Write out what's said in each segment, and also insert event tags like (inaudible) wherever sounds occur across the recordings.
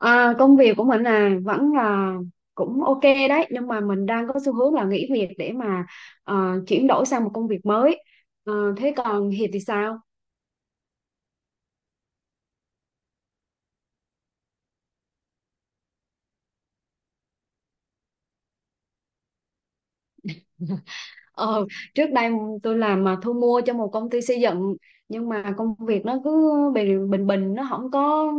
À, công việc của mình vẫn là cũng ok đấy, nhưng mà mình đang có xu hướng là nghỉ việc để mà chuyển đổi sang một công việc mới. Ờ, thế còn Hiệp thì sao? (laughs) Ờ, Trước đây tôi làm mà thu mua cho một công ty xây dựng, nhưng mà công việc nó cứ bình bình bình nó không có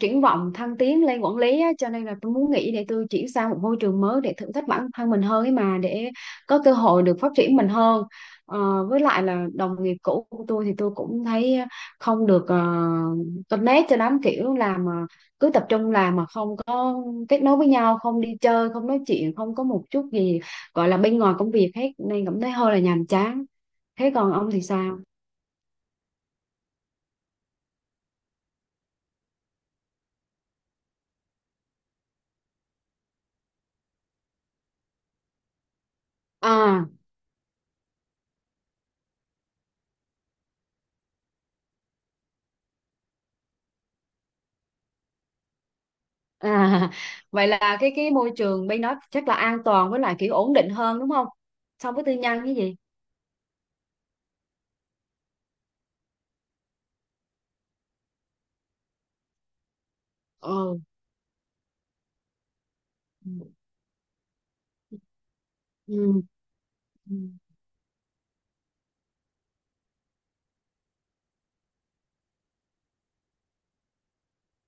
triển vọng thăng tiến lên quản lý á, cho nên là tôi muốn nghỉ để tôi chuyển sang một môi trường mới để thử thách bản thân mình hơn ấy mà, để có cơ hội được phát triển mình hơn. Ờ, với lại là đồng nghiệp cũ của tôi thì tôi cũng thấy không được connect cho lắm, kiểu làm mà cứ tập trung làm mà không có kết nối với nhau, không đi chơi, không nói chuyện, không có một chút gì gọi là bên ngoài công việc hết, nên cảm thấy hơi là nhàm chán. Thế còn ông thì sao à? À, (laughs) vậy là cái môi trường bên đó chắc là an toàn với lại kiểu ổn định hơn đúng không? So với tư nhân cái gì? Ừ. Ừ. Ừ.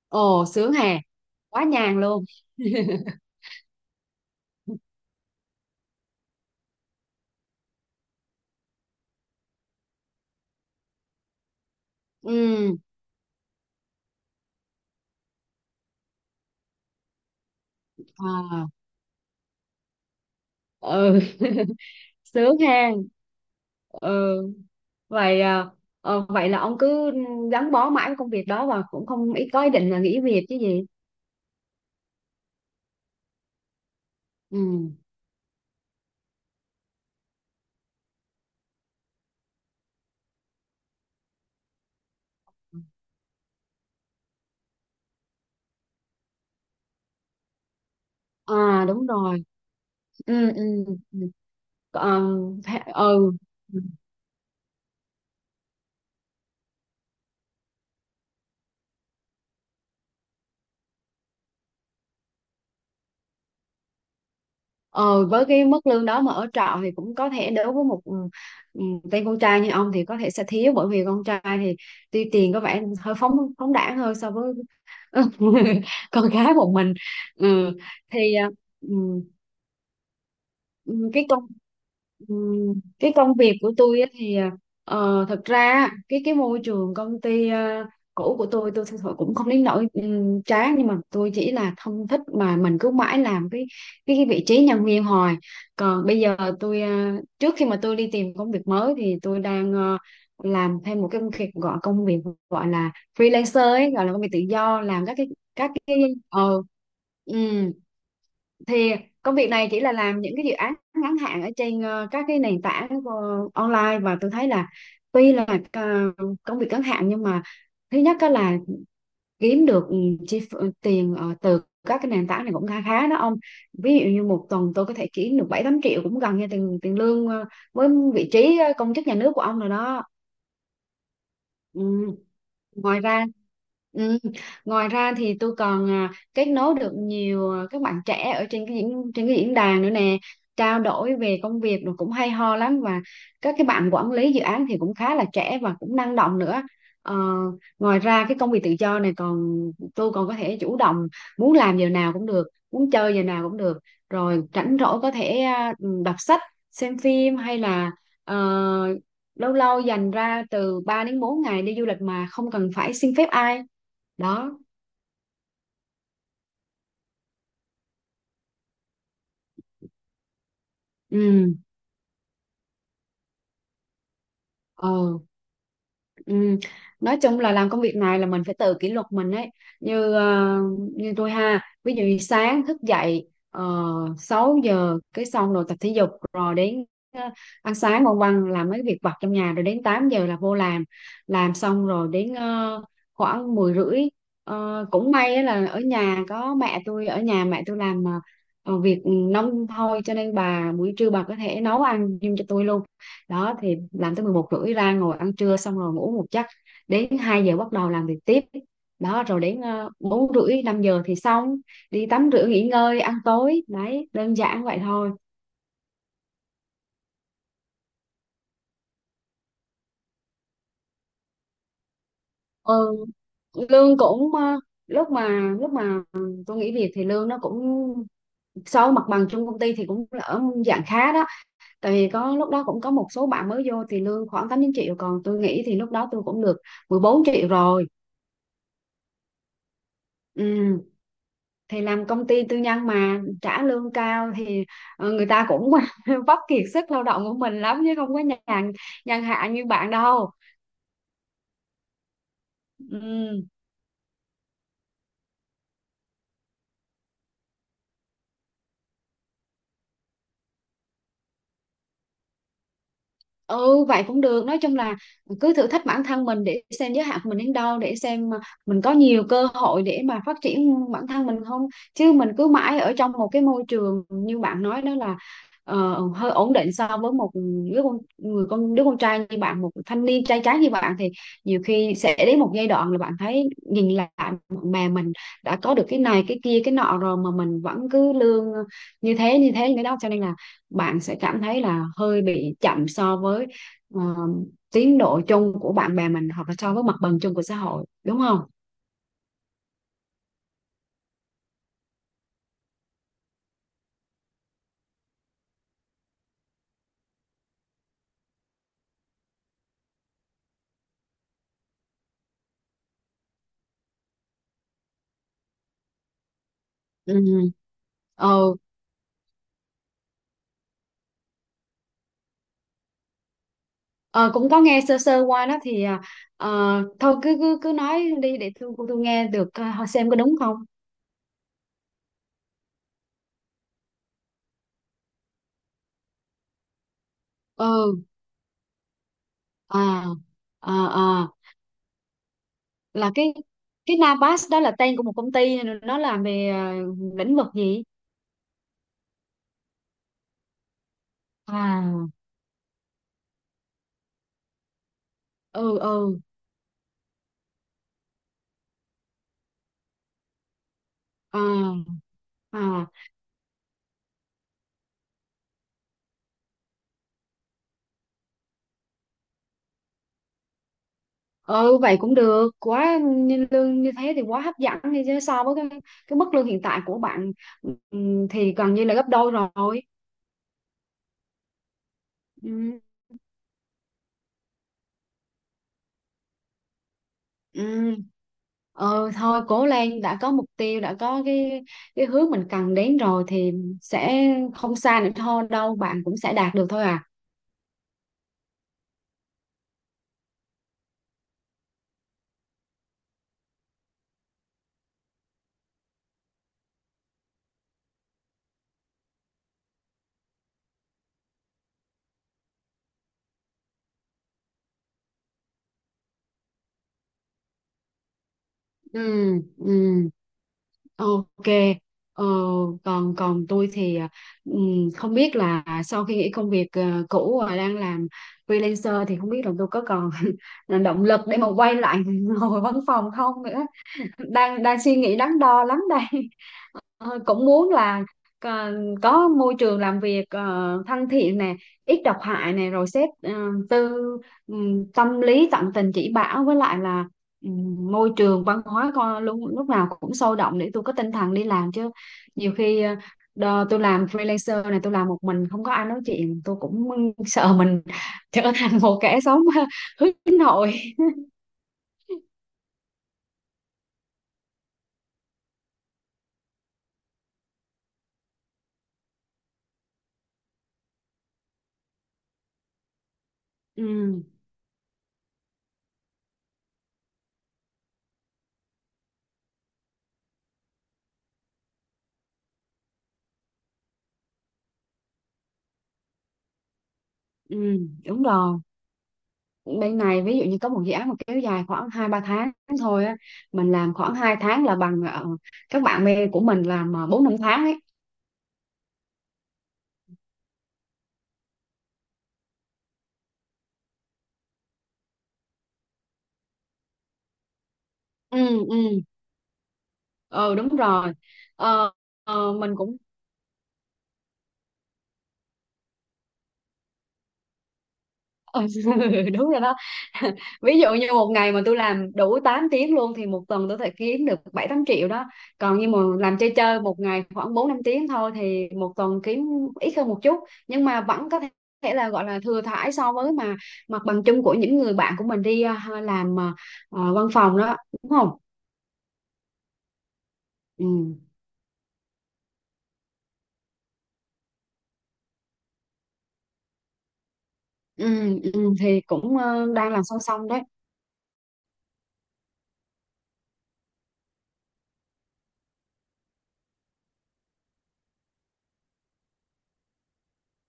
Ồ, sướng hè, quá nhàn luôn. Ừ. À, ừ. (laughs) Sướng ha. Ừ. Vậy à, vậy là ông cứ gắn bó mãi với công việc đó và cũng không có ý định là nghỉ việc chứ gì. Ừ. À đúng rồi. Ừ, ừ. Ừ. Còn ừ. Ờ, với cái mức lương đó mà ở trọ thì cũng có thể, đối với một ừ, tên con trai như ông thì có thể sẽ thiếu, bởi vì con trai thì tuy tiền có vẻ hơi phóng phóng đãng hơn so với (laughs) con gái một mình. Ừ. Thì à, ừ. Ừ, cái công ừ, cái công việc của tôi á thì thật ra á, cái môi trường công ty cũ của tôi thật sự cũng không đến nỗi chán, nhưng mà tôi chỉ là không thích mà mình cứ mãi làm cái vị trí nhân viên hoài. Còn bây giờ tôi, trước khi mà tôi đi tìm công việc mới thì tôi đang làm thêm một cái công việc, gọi công việc gọi là freelancer ấy, gọi là công việc tự do, làm các cái các cái ờ ừ thì công việc này chỉ là làm những cái dự án ngắn hạn ở trên các cái nền tảng online, và tôi thấy là tuy là ờ, công việc ngắn hạn nhưng mà thứ nhất á là kiếm được tiền từ các cái nền tảng này cũng khá khá đó ông, ví dụ như một tuần tôi có thể kiếm được 7 8 triệu, cũng gần như tiền tiền lương với vị trí công chức nhà nước của ông rồi đó. Ừ, ngoài ra, ừ, ngoài ra thì tôi còn à, kết nối được nhiều à, các bạn trẻ ở trên cái diễn đàn nữa nè, trao đổi về công việc rồi cũng hay ho lắm, và các cái bạn quản lý dự án thì cũng khá là trẻ và cũng năng động nữa. Ờ, ngoài ra cái công việc tự do này còn, tôi còn có thể chủ động, muốn làm giờ nào cũng được, muốn chơi giờ nào cũng được, rồi rảnh rỗi có thể à, đọc sách, xem phim hay là ờ, lâu lâu dành ra từ 3 đến 4 ngày đi du lịch mà không cần phải xin phép ai. Đó. Ừ. Ờ. Ừ. Nói chung là làm công việc này là mình phải tự kỷ luật mình ấy. Như như tôi ha, ví dụ như sáng thức dậy uh, 6 giờ, cái xong rồi tập thể dục, rồi đến ờ, ăn sáng, ngoan ngoan làm mấy việc vặt trong nhà, rồi đến 8 giờ là vô làm. Làm xong rồi đến khoảng 10 rưỡi. Ờ, cũng may á là ở nhà có mẹ tôi, ở nhà mẹ tôi làm việc nông thôi, cho nên bà buổi trưa bà có thể nấu ăn giùm cho tôi luôn đó. Thì làm tới 11 rưỡi ra ngồi ăn trưa, xong rồi ngủ một giấc, đến 2 giờ bắt đầu làm việc tiếp. Đó, rồi đến 4 rưỡi 5 giờ thì xong, đi tắm rửa nghỉ ngơi ăn tối. Đấy, đơn giản vậy thôi. Ừ, lương cũng, lúc mà tôi nghỉ việc thì lương nó cũng, so với mặt bằng chung công ty thì cũng ở dạng khá đó. Tại vì có lúc đó cũng có một số bạn mới vô thì lương khoảng 8 9 triệu, còn tôi nghĩ thì lúc đó tôi cũng được 14 triệu rồi. Ừ. Thì làm công ty tư nhân mà trả lương cao thì người ta cũng (laughs) vấp kiệt sức lao động của mình lắm chứ không có nhàn nhàn hạ như bạn đâu. Ừ. Ừ vậy cũng được, nói chung là cứ thử thách bản thân mình để xem giới hạn của mình đến đâu, để xem mà mình có nhiều cơ hội để mà phát triển bản thân mình không. Chứ mình cứ mãi ở trong một cái môi trường như bạn nói đó là hơi ổn định. So với một đứa con trai như bạn, một thanh niên trai tráng như bạn thì nhiều khi sẽ đến một giai đoạn là bạn thấy nhìn lại mà mình đã có được cái này cái kia cái nọ rồi mà mình vẫn cứ lương như thế đó, cho nên là bạn sẽ cảm thấy là hơi bị chậm so với ờ, tiến độ chung của bạn bè mình, hoặc là so với mặt bằng chung của xã hội, đúng không? Ừ. Ừ. Ờ, cũng có nghe sơ sơ qua đó thì thôi cứ cứ cứ nói đi để tôi nghe được, xem có đúng không? Ừ. À, À, là cái Navas đó là tên của một công ty, nó làm về lĩnh vực gì? À. Ừ, ừ. À. À. Ừ vậy cũng được quá, như lương như thế thì quá hấp dẫn đi chứ, so với cái mức lương hiện tại của bạn thì gần như là gấp đôi rồi. Ừ, ừ. Ờ, thôi cố lên, đã có mục tiêu, đã có cái hướng mình cần đến rồi thì sẽ không xa nữa thôi đâu, bạn cũng sẽ đạt được thôi à. Ừ, ừ. Ok, ờ, còn còn tôi thì à, không biết là sau khi nghỉ công việc à, cũ và đang làm freelancer thì không biết là tôi có còn (laughs) động lực để mà quay lại (laughs) ngồi văn phòng không nữa. Đang đang suy nghĩ đắn đo lắm đây. Ờ, cũng muốn là ờ, có môi trường làm việc thân thiện nè, ít độc hại nè, rồi sếp ờ, tư tâm lý, tận tình chỉ bảo, với lại là môi trường văn hóa con lúc lúc nào cũng sôi động để tôi có tinh thần đi làm chứ. Nhiều khi tôi làm freelancer này, tôi làm một mình không có ai nói chuyện, tôi cũng (laughs) sợ mình trở thành một kẻ sống (laughs) nội. Ừ, ừ, (laughs) đúng rồi. Bên này ví dụ như có một dự án mà kéo dài khoảng 2 3 tháng thôi á, mình làm khoảng 2 tháng là bằng các bạn bè của mình làm 4 5 tháng ấy. Ừ, ừ. Ờ đúng rồi. Ờ, mình cũng. Ừ, (laughs) đúng rồi đó. (laughs) Ví dụ như một ngày mà tôi làm đủ 8 tiếng luôn thì một tuần tôi phải kiếm được 7 8 triệu đó. Còn như mà làm chơi chơi một ngày khoảng 4 5 tiếng thôi thì một tuần kiếm ít hơn một chút, nhưng mà vẫn có thể là gọi là thừa thãi so với mà mặt bằng chung của những người bạn của mình đi à, làm văn phòng đó, đúng không? Ừ. Ừ, thì cũng đang làm song song đấy.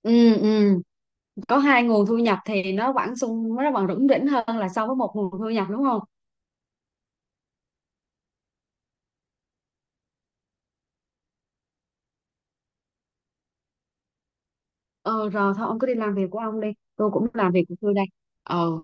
Ừ, ừ. Có hai nguồn thu nhập thì nó vẫn sung, nó vẫn rủng rỉnh hơn là so với một nguồn thu nhập, đúng không? Ờ rồi, thôi ông cứ đi làm việc của ông đi, tôi cũng làm việc của tôi đây. Ờ.